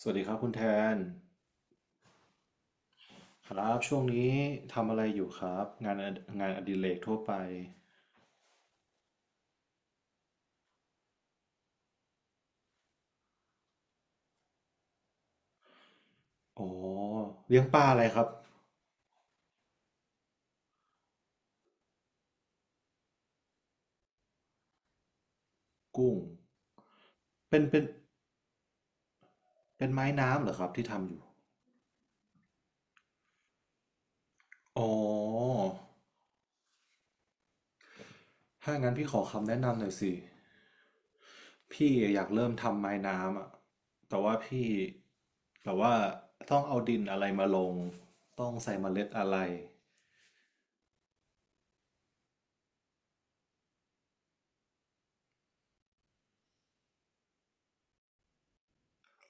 สวัสดีครับคุณแทนครับช่วงนี้ทำอะไรอยู่ครับงานองานอดิเรกทั่วไปอ๋อเลี้ยงปลาอะไรครับกุ้งเป็นเป็นไม้น้ำเหรอครับที่ทำอยู่อ๋อถ้างั้นพี่ขอคำแนะนำหน่อยสิพี่อยากเริ่มทำไม้น้ำอะแต่ว่าพี่แบบว่าต้องเอาดินอะไรมาลงต้องใส่เมล็ดอะไร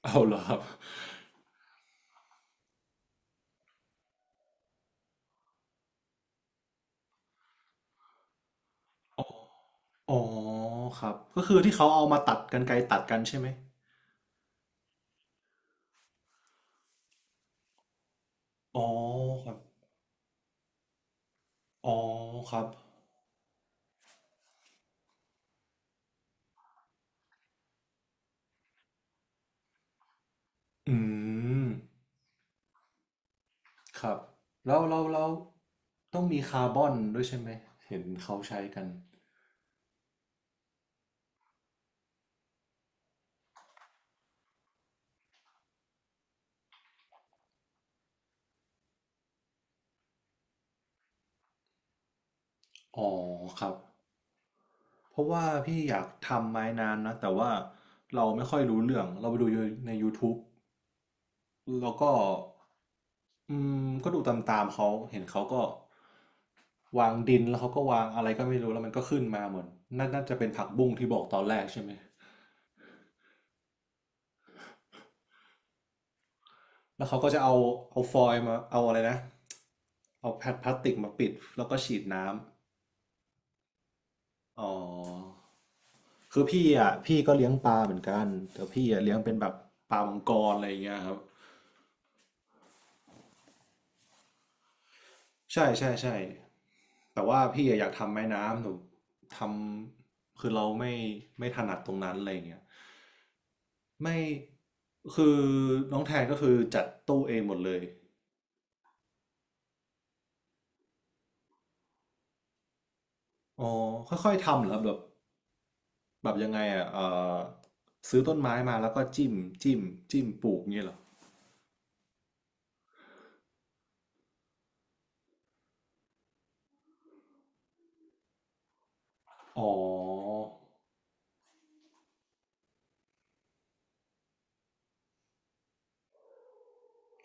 เอาเหรอครับอ๋อครับก็คือที่เขาเอามาตัดกรรไกรตัดกันใช่ไหมอ๋อครับ อ๋อครับอืมครับแล้วต้องมีคาร์บอนด้วยใช่ไหมเห็นเขาใช้กันอ๋อครับเพราะว่าพี่อยากทำไม้น้ำนะแต่ว่าเราไม่ค่อยรู้เรื่องเราไปดูในยูท t บ b e แล้วก็อืมก็ดูตามๆเขาเห็นเขาก็วางดินแล้วเขาก็วางอะไรก็ไม่รู้แล้วมันก็ขึ้นมาเหมือนน่าน่าจะเป็นผักบุ้งที่บอกตอนแรกใช่ไหม แล้วเขาก็จะเอาเอาฟอยล์มาเอาอะไรนะเอาแพดพลาสติกมาปิดแล้วก็ฉีดน้ำอ๋อคือพี่อ่ะพี่ก็เลี้ยงปลาเหมือนกันแต่พี่อ่ะเลี้ยงเป็นแบบปลามังกรอะไรอย่างเงี้ยครับใช่ใช่ใช่แต่ว่าพี่อะอยากทำไม้น้ำหนูทำคือเราไม่ถนัดตรงนั้นอะไรอย่างเงี้ยไม่คือน้องแทนก็คือจัดตู้เองหมดเลยอ๋อค่อยๆทำเหรอครับแบบ แบบยังไงอ่ะอซื้อต้นไม้มาแล้วก็จิ้มจิ้มจิ้มปลูกเงี้ยเหรออ๋อ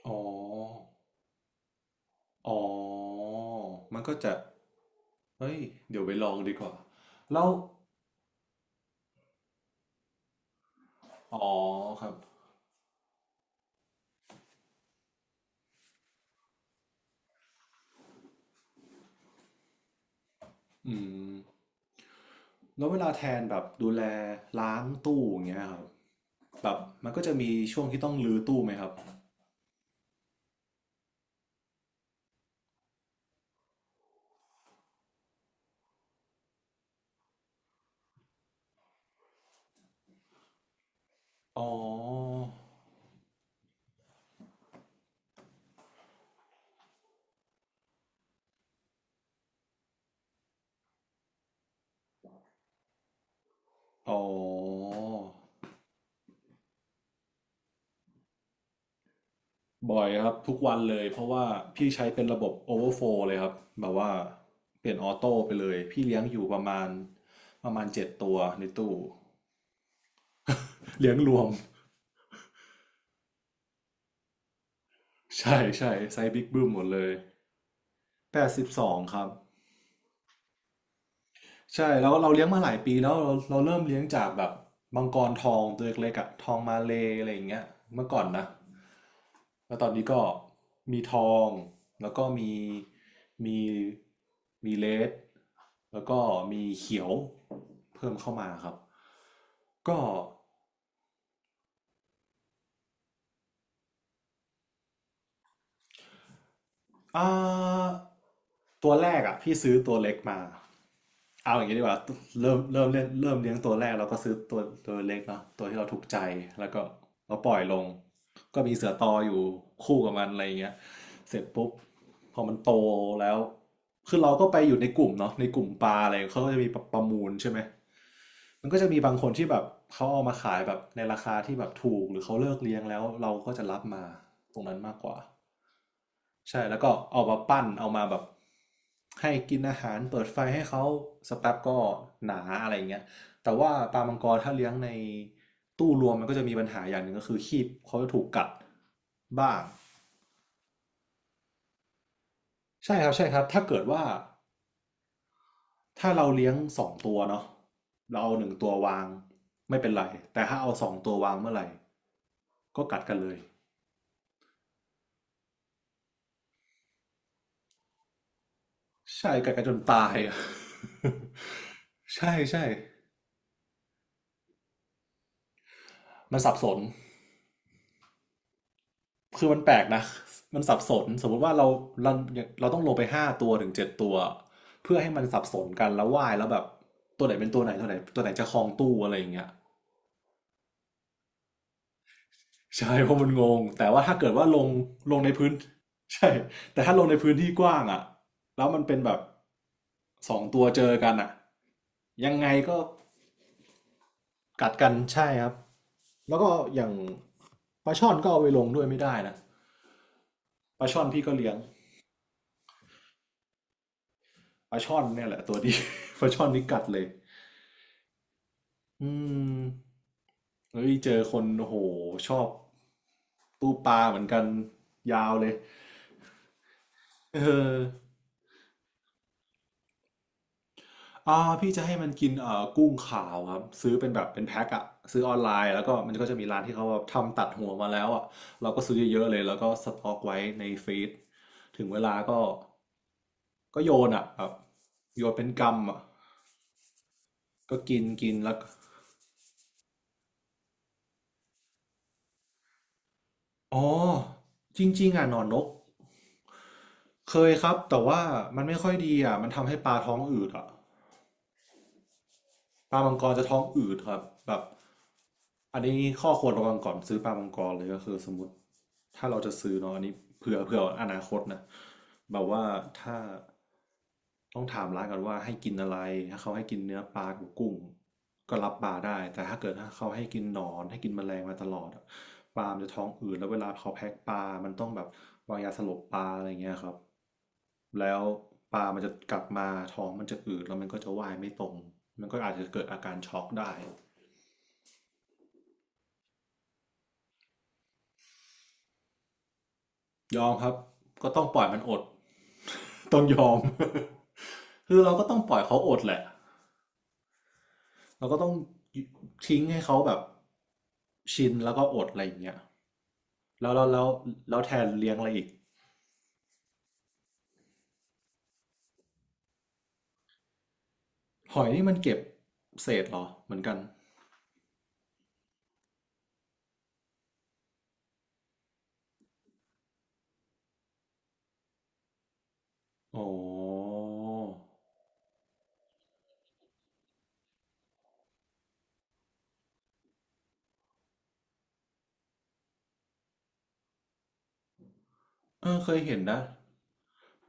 อ๋ออ๋อมันก็จะเฮ้ยเดี๋ยวไปลองดีกว่าแล้วอ๋อครับอืมแล้วเวลาแทนแบบดูแลล้างตู้อย่างเงี้ยครับแบบมันก็จะมีช่วงที่ต้องรื้อตู้ไหมครับอ๋ออ๋อ บ่อยครับทุกวันเลยเพราะว่าพี่ใช้เป็นระบบ Overflow เลยครับแบบว่าเปลี่ยนออโต้ไปเลยพี่เลี้ยงอยู่ประมาณเจ็ดตัวในตู้เลี้ยงรวม ใช่ใช่ไซส์บิ๊กบึ้มหมดเลย82ครับ ใช่แล้วเราเลี้ยงมาหลายปีแล้วเราเริ่มเลี้ยงจากแบบมังกรทองตัวเล็กๆอะทองมาเลย์อะไรอย่างเงี้ยเมื่อก่อนนะแล้วตอนนี้ก็มีทองแล้วก็มีมีเลดแล้วก็มีเขียวเพิ่มเข้ามาครับก็ อ่าตัวแรกอ่ะพี่ซื้อตัวเล็กมาเอาอย่างนี้ดีกว่าเริ่มเลี้ยงตัวแรกเราก็ซื้อตัวตัวเล็กเนาะตัวที่เราถูกใจแล้วก็เราปล่อยลงก็มีเสือตออยู่คู่กับมันอะไรอย่างเงี้ยเสร็จปุ๊บพอมันโตแล้วคือเราก็ไปอยู่ในกลุ่มเนาะในกลุ่มปลาอะไรเขาก็จะมีประมูลใช่ไหม มันก็จะมีบางคนที่แบบเขาเอามาขายแบบในราคาที่แบบถูกหรือเขาเลิกเลี้ยงแล้วเราก็จะรับมาตรงนั้นมากกว่าใช่แล้วก็เอามาปั้นเอามาแบบให้กินอาหารเปิดไฟให้เขาสกแป๊บก็หนาอะไรอย่างเงี้ยแต่ว่าปลามังกรถ้าเลี้ยงในตู้รวมมันก็จะมีปัญหาอย่างหนึ่งก็คือคีบเขาจะถูกกัดบ้างใช่ครับใช่ครับถ้าเกิดว่าถ้าเราเลี้ยงสองตัวเนาะเราเอา1 ตัววางไม่เป็นไรแต่ถ้าเอาสองตัววางเมื่อไหร่ ก็กัดกันเลยใช่กัดกันจนตายอะ ใช่ใช่มันสับสนคือมันแปลกนะมันสับสนสมมติว่าเราเราต้องลงไป5 ตัวถึง 7 ตัวเพื่อให้มันสับสนกันแล้วว่ายแล้วแบบตัวไหนเป็นตัวไหนตัวไหนตัวไหนจะครองตู้อะไรอย่างเงี้ยใช่เพราะมันงงแต่ว่าถ้าเกิดว่าลงลงในพื้นใช่แต่ถ้าลงในพื้นที่กว้างอ่ะแล้วมันเป็นแบบสองตัวเจอกันอ่ะยังไงก็ กัดกันใช่ครับแล้วก็อย่างปลาช่อนก็เอาไปลงด้วยไม่ได้นะปลาช่อนพี่ก็เลี้ยงปลาช่อนเนี่ยแหละตัวดี ปลาช่อนนี่กัดเลยอืมเฮ้ยเจอคนโอ้โหชอบตู้ปลาเหมือนกันยาวเลยเอออ่าพี่จะให้มันกินกุ้งขาวครับซื้อเป็นแบบเป็นแพ็คอะซื้อออนไลน์แล้วก็มันก็จะมีร้านที่เขาแบบทำตัดหัวมาแล้วอะเราก็ซื้อเยอะๆเลยแล้วก็สต็อกไว้ในฟรีซถึงเวลาก็ ก็โยนอ่ะแบบโยนเป็นกรรมอ่ะก็กินกินแล้วก็อ๋อจริงๆอ่ะหนอนนกเคยครับแต่ว่ามันไม่ค่อยดีอ่ะมันทำให้ปลาท้องอืดอ่ะ ปลามังกรจะท้องอืดครับแบบอันนี้ข้อควรระวังก่อนซื้อปลามังกรเลยก็คือสมมติถ้าเราจะซื้อเนาะอันนี้เผื่ออนาคตนะแบบว่าถ้าต้องถามร้านก่อนว่าให้กินอะไรถ้าเขาให้กินเนื้อปลากับกุ้งก็รับปลาได้แต่ถ้าเขาให้กินหนอนให้กินแมลงมาตลอดอะปลามันจะท้องอืดแล้วเวลาเขาแพ็คปลามันต้องแบบวางยาสลบปลาอะไรเงี้ยครับ แล้วปลามันจะกลับมาท้องมันจะอืดแล้วมันก็จะว่ายไม่ตรงมันก็อาจจะเกิดอาการช็อกได้ ยอมครับก็ต้องปล่อยมันอด ต้องยอม คือเราก็ต้องปล่อยเขาอดแหละ เราก็ต้องทิ้งให้เขาแบบชินแล้วก็อดอะไรอย่างเงี้ยแล้วแล้วแล้วแล้วแทนเลี้ยงอะไรอีกหอยนี่มันเก็บเศษเหรอเหมือนกันอ๋อเออเคยเห็นนะ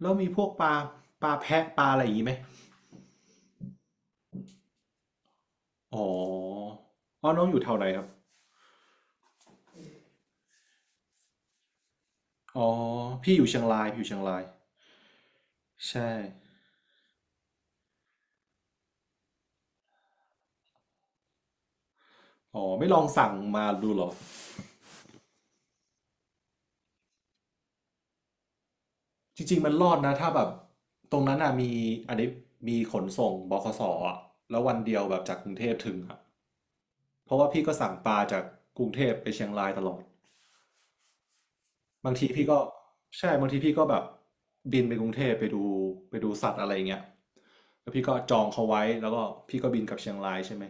แล้วมีพวกปลาปลาแพะปลาอะไรอย่างงี้ไหม อ๋ออ๋อน้องอยู่แถวไหนครับ อ๋อ พี่อยู่เชียงรายพี่อยู่เชียงรายใช่ อ๋อไม่ลองสั่งมาดูเหรอ จริงๆมันรอดนะถ้าแบบตรงนั้นอ่ะมีอันนี้มีขนส่งบขสอ่ะแล้ววันเดียวแบบจากกรุงเทพถึงอ่ะเพราะว่าพี่ก็สั่งปลาจากกรุงเทพไปเชียงรายตลอด บางทีพี่ก็ใช่บางทีพี่ก็แบบบินไปกรุงเทพไปดูสัตว์อะไรเงี้ยแล้วพี่ก็จองเขาไว้แล้วก็พี่ก็บินกลับเชียงรายใช่ไหม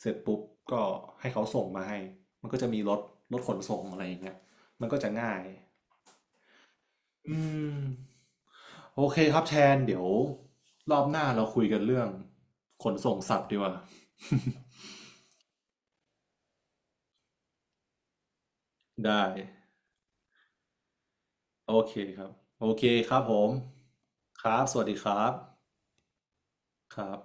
เสร็จปุ๊บก็ให้เขาส่งมาให้มันก็จะมีรถขนส่งอะไรอย่างเงี้ยมันก็จะง่ายอืมโอเคครับแทนเดี๋ยวรอบหน้าเราคุยกันเรื่องขนส่งสัตว์ดีกว่าได้โอเคครับโอเคครับผมครับสวัสดีครับครับ